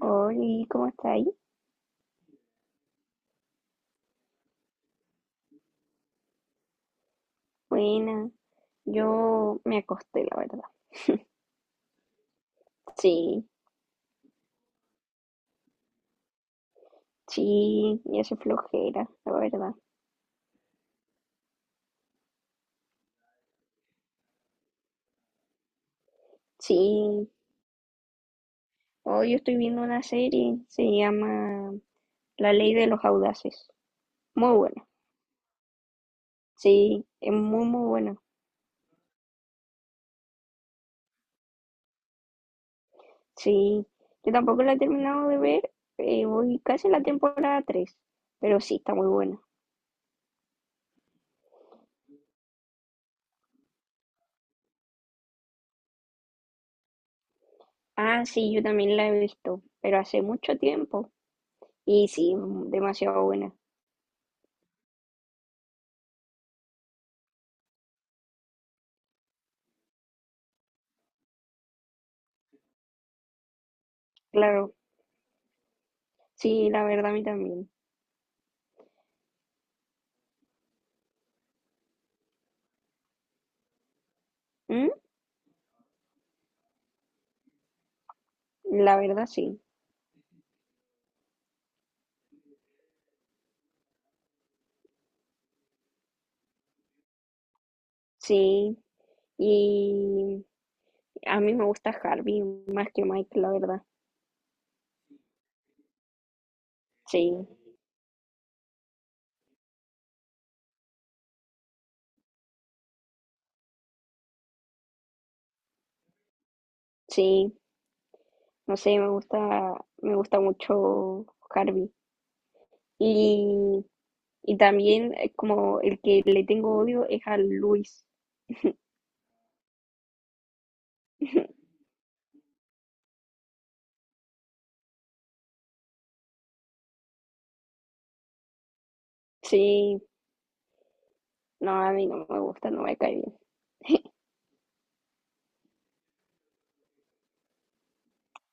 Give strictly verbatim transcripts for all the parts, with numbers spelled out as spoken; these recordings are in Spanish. Hola, ¿cómo está ahí? Buena, yo me acosté, la verdad. Sí, sí, ya se flojera, la verdad. Sí, hoy estoy viendo una serie, se llama La Ley de los Audaces. Muy buena, sí, es muy, muy buena. Sí, yo tampoco la he terminado de ver, eh, voy casi en la temporada tres, pero sí, está muy buena. Ah, sí, yo también la he visto, pero hace mucho tiempo. Y sí, demasiado buena. Claro, sí, la verdad a mí también. Mm, La verdad sí, sí. Y a mí me gusta Harvey más que Mike, la verdad. Sí, sí. No sé, me gusta, me gusta mucho Harvey. Y, y también eh, como el que le tengo odio es a Luis. Sí, no, a mí no me gusta, no me cae bien.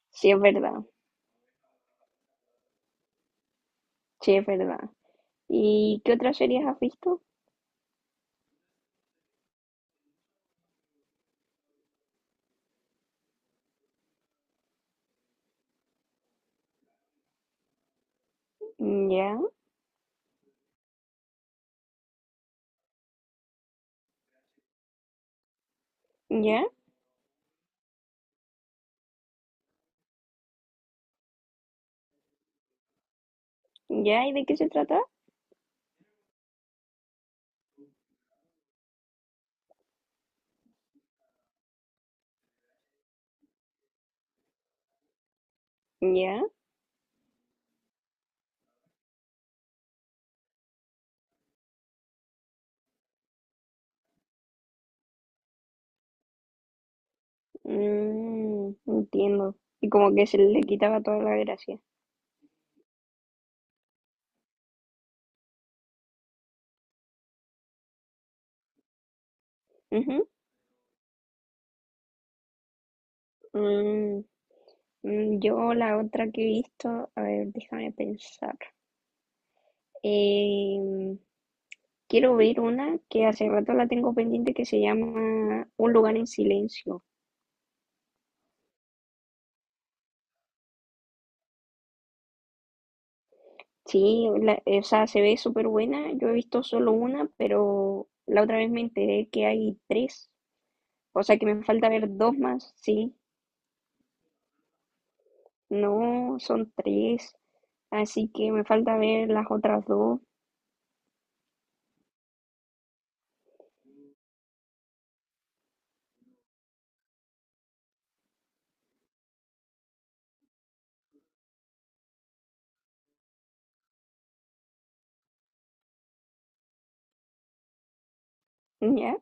Sí, es verdad, sí, es verdad. ¿Y qué otras series has visto? Ya, ya, ya, ¿y de qué se trata? Ya. Mm, entiendo. Y como que se le quitaba toda la gracia. Ujú. Mm, mm, yo la otra que he visto, a ver, déjame pensar. Em, quiero ver una que hace rato la tengo pendiente que se llama Un lugar en silencio. Sí, la- o sea, se ve súper buena. Yo he visto solo una, pero la otra vez me enteré que hay tres. O sea, que me falta ver dos más, sí. No, son tres. Así que me falta ver las otras dos. Ya,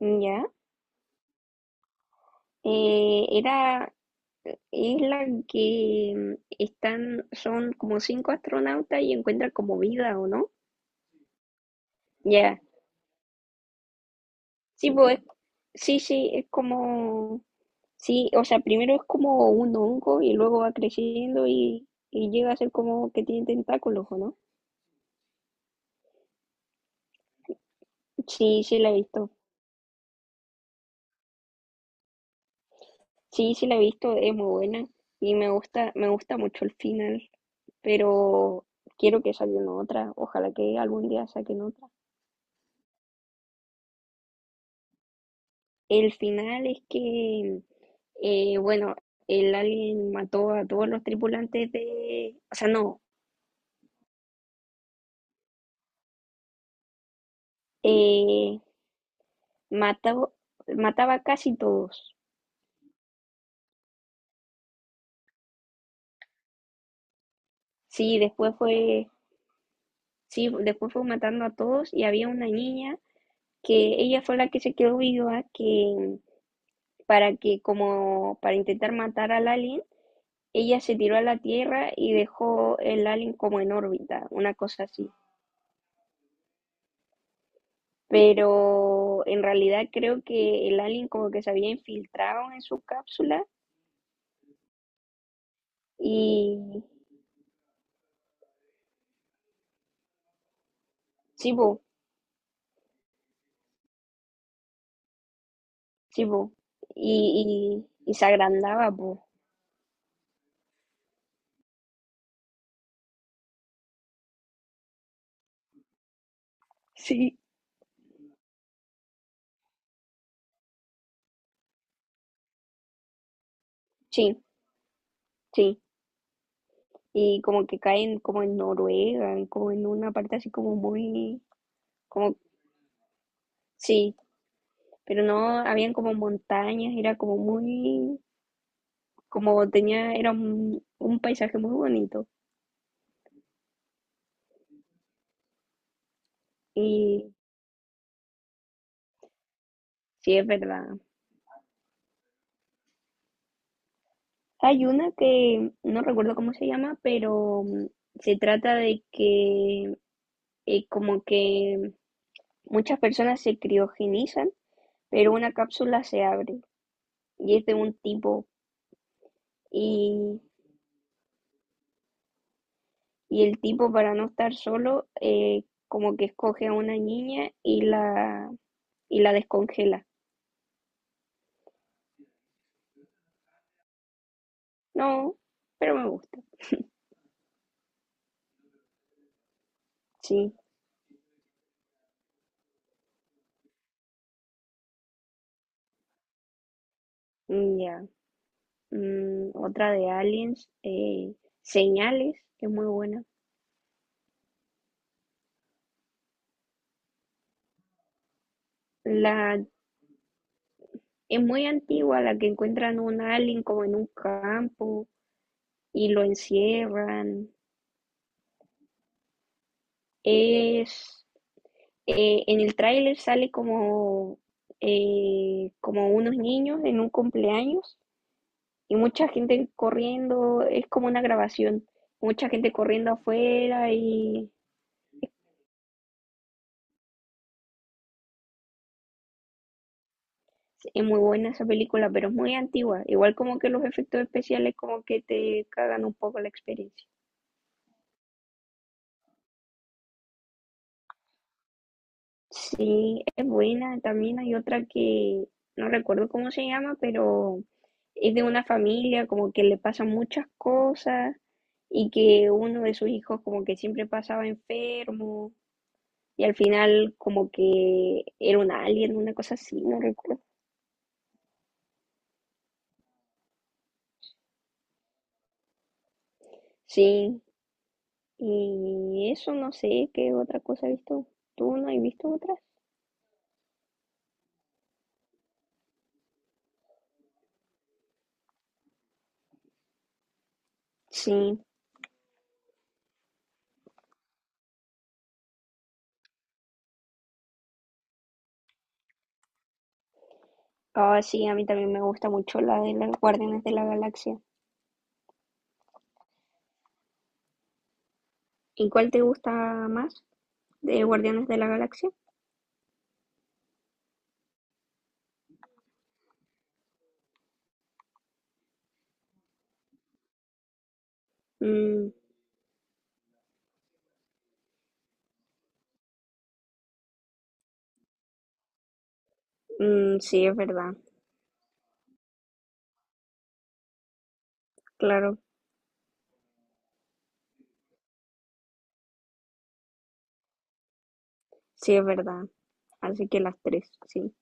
ya. Eh, era, es la que mm, están, son como cinco astronautas y encuentran como vida, ¿o no? Ya. Sí, pues, sí, sí, es como, sí, o sea, primero es como un hongo y luego va creciendo y, y llega a ser como que tiene tentáculos, ¿o no? Sí, sí la he visto. Sí, sí la he visto, es muy buena y me gusta, me gusta mucho el final, pero quiero que salgan otra, ojalá que algún día saquen otra. El final es que, eh, bueno, el alien mató a todos los tripulantes de... O sea, no, eh, mató, mataba a casi todos. Sí, después fue, sí, después fue matando a todos y había una niña que ella fue la que se quedó viva, que para que como para intentar matar al alien, ella se tiró a la Tierra y dejó el alien como en órbita, una cosa así. Pero en realidad creo que el alien como que se había infiltrado en su cápsula y sí, po, sí, po, y, y, y se agrandaba, po. Sí. Sí, sí. Y como que caen como en Noruega, en como en una parte así como muy, como, sí, pero no, habían como montañas, era como muy, como tenía, era un, un paisaje muy bonito. Y sí, es verdad. Hay una que no recuerdo cómo se llama, pero mm, se trata de que eh, como que muchas personas se criogenizan, pero una cápsula se abre y es de un tipo y, y el tipo para no estar solo eh, como que escoge a una niña y la y la descongela. No, pero me gusta. Sí, mm, ya. Mm, otra de Aliens, eh, Señales, que es muy buena. La es muy antigua, la que encuentran un alien como en un campo y lo encierran. Es eh, en el tráiler sale como eh, como unos niños en un cumpleaños y mucha gente corriendo. Es como una grabación. Mucha gente corriendo afuera y es muy buena esa película, pero es muy antigua. Igual como que los efectos especiales como que te cagan un poco la experiencia. Sí, es buena. También hay otra que no recuerdo cómo se llama, pero es de una familia como que le pasan muchas cosas y que uno de sus hijos como que siempre pasaba enfermo y al final como que era un alien, una cosa así, no recuerdo. Sí, y eso no sé qué otra cosa he visto. ¿Tú no has visto otras? Sí. Ah, sí, a mí también me gusta mucho la de las Guardianes de la Galaxia. ¿Y cuál te gusta más? ¿De Guardianes de la Galaxia? Mm, mm, sí, es verdad, claro, sí, es verdad. Así que las tres, sí.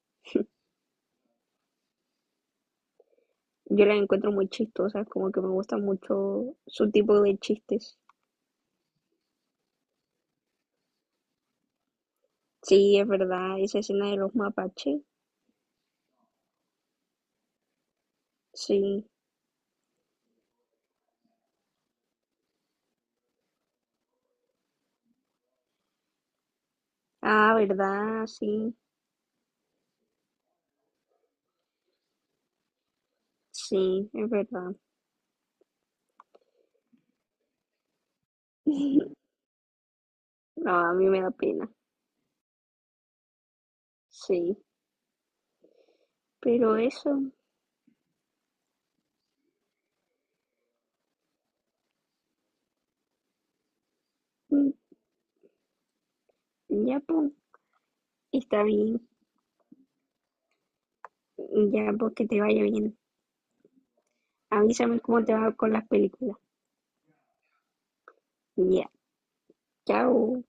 Yo las encuentro muy chistosas, como que me gusta mucho su tipo de chistes. Sí, es verdad, esa escena de los mapaches, sí. Ah, verdad, sí, sí, es verdad. No, a mí me da pena, sí. Pero eso, mm, ya pues, está bien, ya pues que te vaya bien. Avísame cómo te va con las películas. Ya, chao.